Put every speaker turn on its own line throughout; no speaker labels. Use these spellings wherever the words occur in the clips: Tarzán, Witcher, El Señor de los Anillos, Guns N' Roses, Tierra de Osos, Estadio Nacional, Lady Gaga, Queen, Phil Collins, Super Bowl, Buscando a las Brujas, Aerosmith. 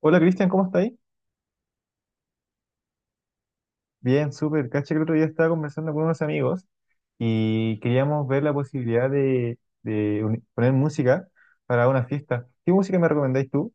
Hola Cristian, ¿cómo estáis? Bien, súper. Caché que el otro día estaba conversando con unos amigos y queríamos ver la posibilidad de poner música para una fiesta. ¿Qué música me recomendáis tú?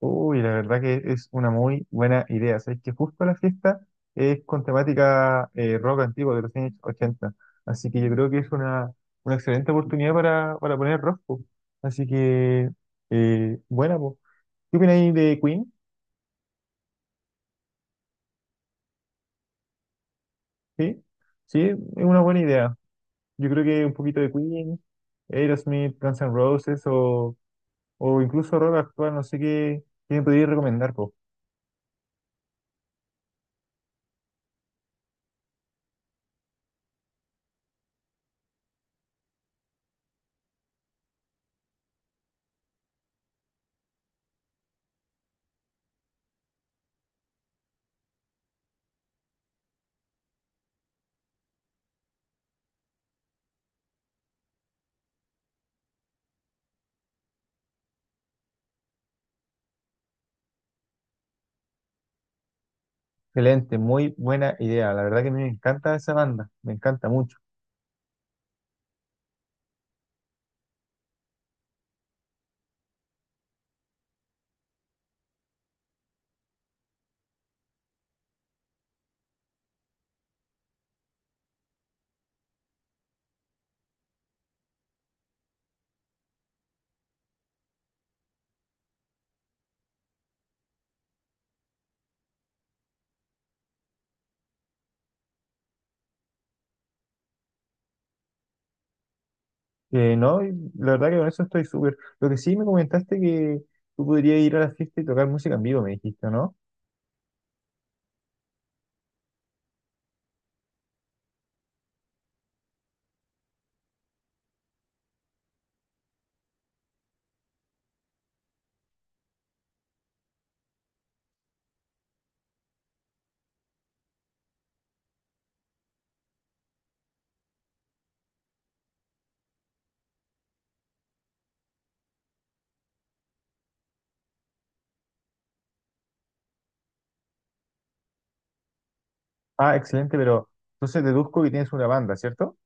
Uy, la verdad que es una muy buena idea. Sabéis que justo la fiesta es con temática rock antiguo de los años ochenta. Así que yo creo que es una excelente oportunidad para poner rock, po. Así que buena, po. ¿Qué opináis de Queen? Sí, sí, es una buena idea. Yo creo que un poquito de Queen, Aerosmith, Guns N' Roses o incluso rock actual, no sé qué, qué me podrías recomendar, po. Excelente, muy buena idea. La verdad que me encanta esa banda, me encanta mucho. No, y la verdad que con eso estoy súper. Lo que sí me comentaste que tú podrías ir a la fiesta y tocar música en vivo, me dijiste, ¿no? Ah, excelente, pero entonces deduzco que tienes una banda, ¿cierto?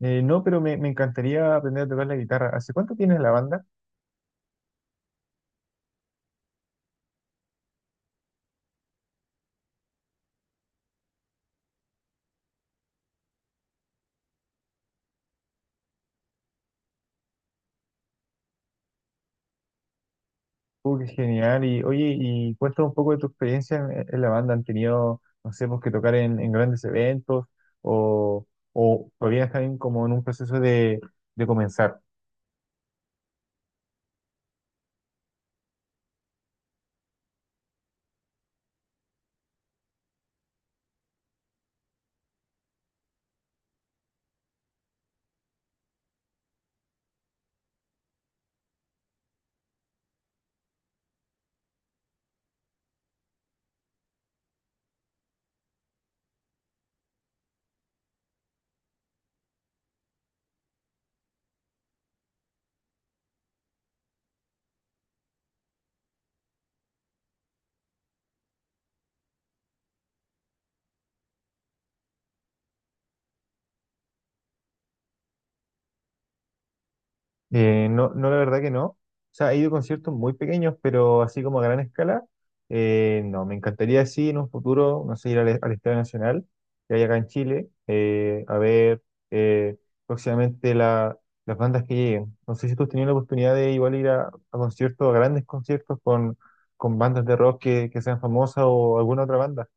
No, pero me encantaría aprender a tocar la guitarra. ¿Hace cuánto tienes la banda? Qué genial. Y oye, y cuéntame un poco de tu experiencia en la banda. ¿Han tenido, no sé, pues que tocar en grandes eventos o, o todavía están como en un proceso de comenzar? No, la verdad que no. O sea, he ido a conciertos muy pequeños, pero así como a gran escala, no. Me encantaría, sí, en un futuro, no sé, ir al Estadio Nacional, que hay acá en Chile, a ver eh, próximamente las bandas que lleguen. No sé si tú has tenido la oportunidad de igual ir a conciertos, a grandes conciertos con bandas de rock que sean famosas o alguna otra banda.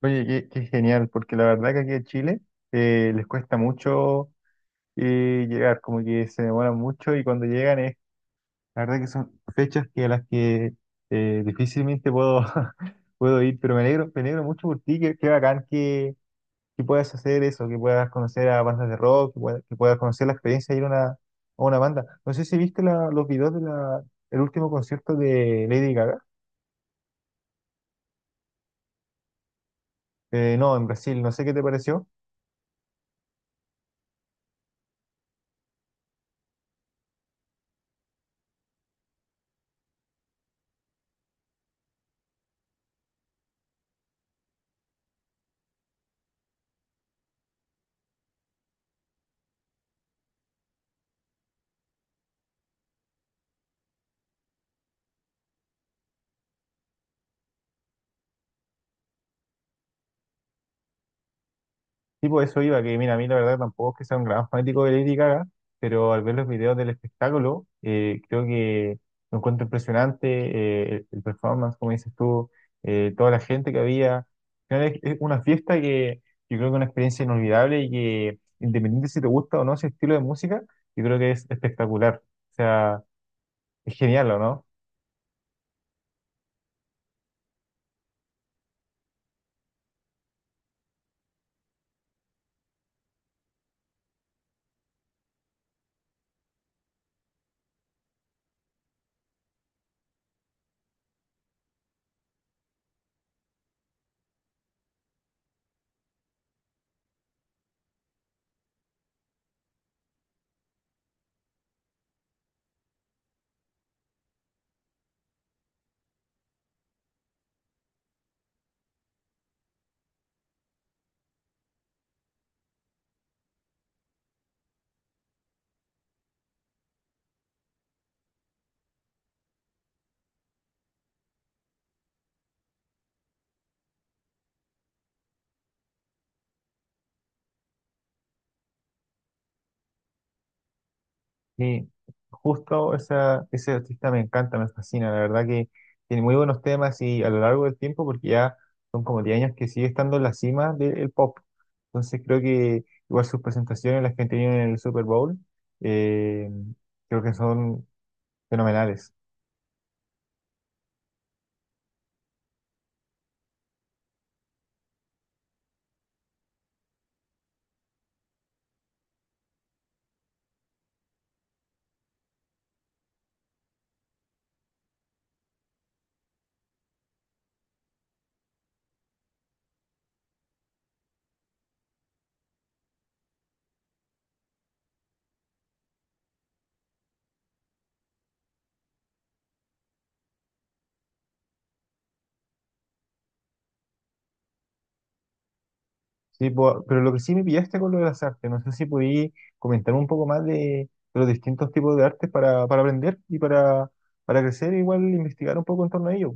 Oye, qué, qué genial, porque la verdad que aquí en Chile les cuesta mucho y llegar, como que se demoran mucho y cuando llegan es, la verdad que son fechas que a las que difícilmente puedo, puedo ir, pero me alegro mucho por ti, qué, qué bacán que puedas hacer eso, que puedas conocer a bandas de rock, que puedas conocer la experiencia de ir a a una banda. No sé si viste los videos de el último concierto de Lady Gaga. Eh, no, en Brasil, no sé qué te pareció. Tipo, eso iba, que mira, a mí la verdad tampoco es que sea un gran fanático de Lady Gaga, pero al ver los videos del espectáculo, creo que lo encuentro impresionante, el performance, como dices tú, toda la gente que había. Al final es una fiesta que yo creo que es una experiencia inolvidable y que, independiente si te gusta o no ese estilo de música, yo creo que es espectacular. O sea, es genial, ¿o no? Sí, justo esa, ese artista me encanta, me fascina, la verdad que tiene muy buenos temas y a lo largo del tiempo, porque ya son como 10 años que sigue estando en la cima del pop. Entonces creo que igual sus presentaciones, las que han tenido en el Super Bowl, eh, creo que son fenomenales. Sí, po- pero lo que sí me pillaste con lo de las artes, no sé si podí comentar un poco más de los distintos tipos de artes para aprender y para crecer, igual investigar un poco en torno a ello.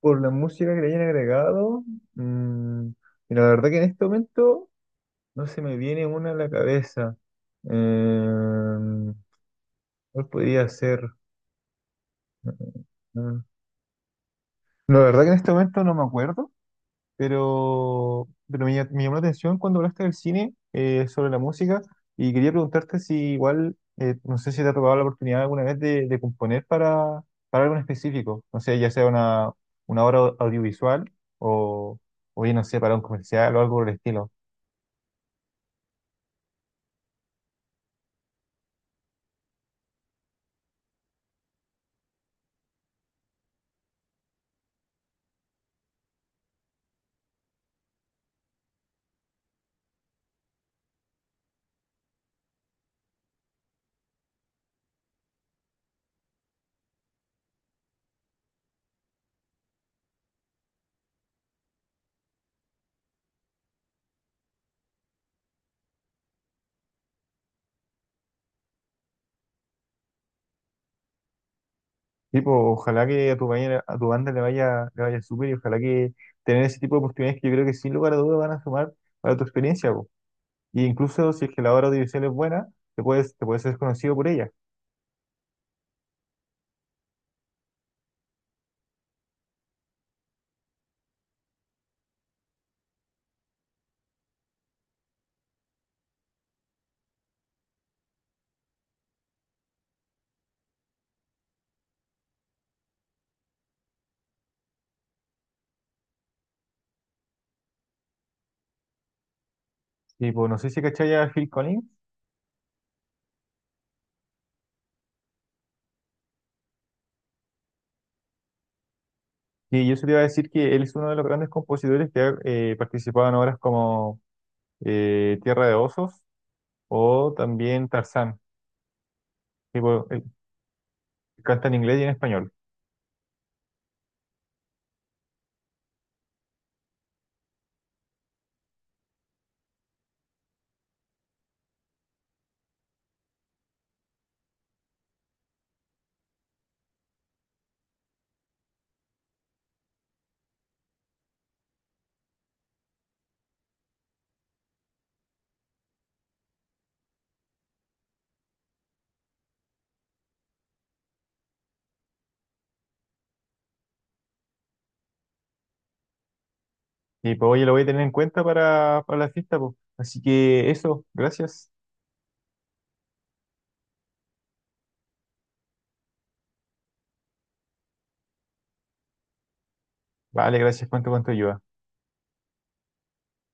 Por la música que le hayan agregado, mm, y la verdad que en este momento no se me viene una a la cabeza. Eh, ¿Cuál podría ser? Mm, mm, La verdad que en este momento no me acuerdo. Pero pero me llamó la atención cuando hablaste del cine, sobre la música, y quería preguntarte si igual, no sé si te ha tocado la oportunidad alguna vez de componer para algo en específico, no sé, ya sea una obra audiovisual o, o bien no sé, para un comercial o algo por el estilo. Tipo, ojalá que a a tu banda le vaya súper y ojalá que tener ese tipo de oportunidades que yo creo que sin lugar a dudas van a sumar para tu experiencia, po. Y incluso si es que la obra audiovisual es buena, te puedes ser conocido por ella. Y pues no sé si cachai a Phil Collins, y yo se te iba a decir que él es uno de los grandes compositores que ha participado en obras como Tierra de Osos o también Tarzán. Y pues, él canta en inglés y en español. Y pues oye, lo voy a tener en cuenta para la fiesta, pues. Así que eso, gracias. Vale, gracias, cuánto, cuánto ayuda.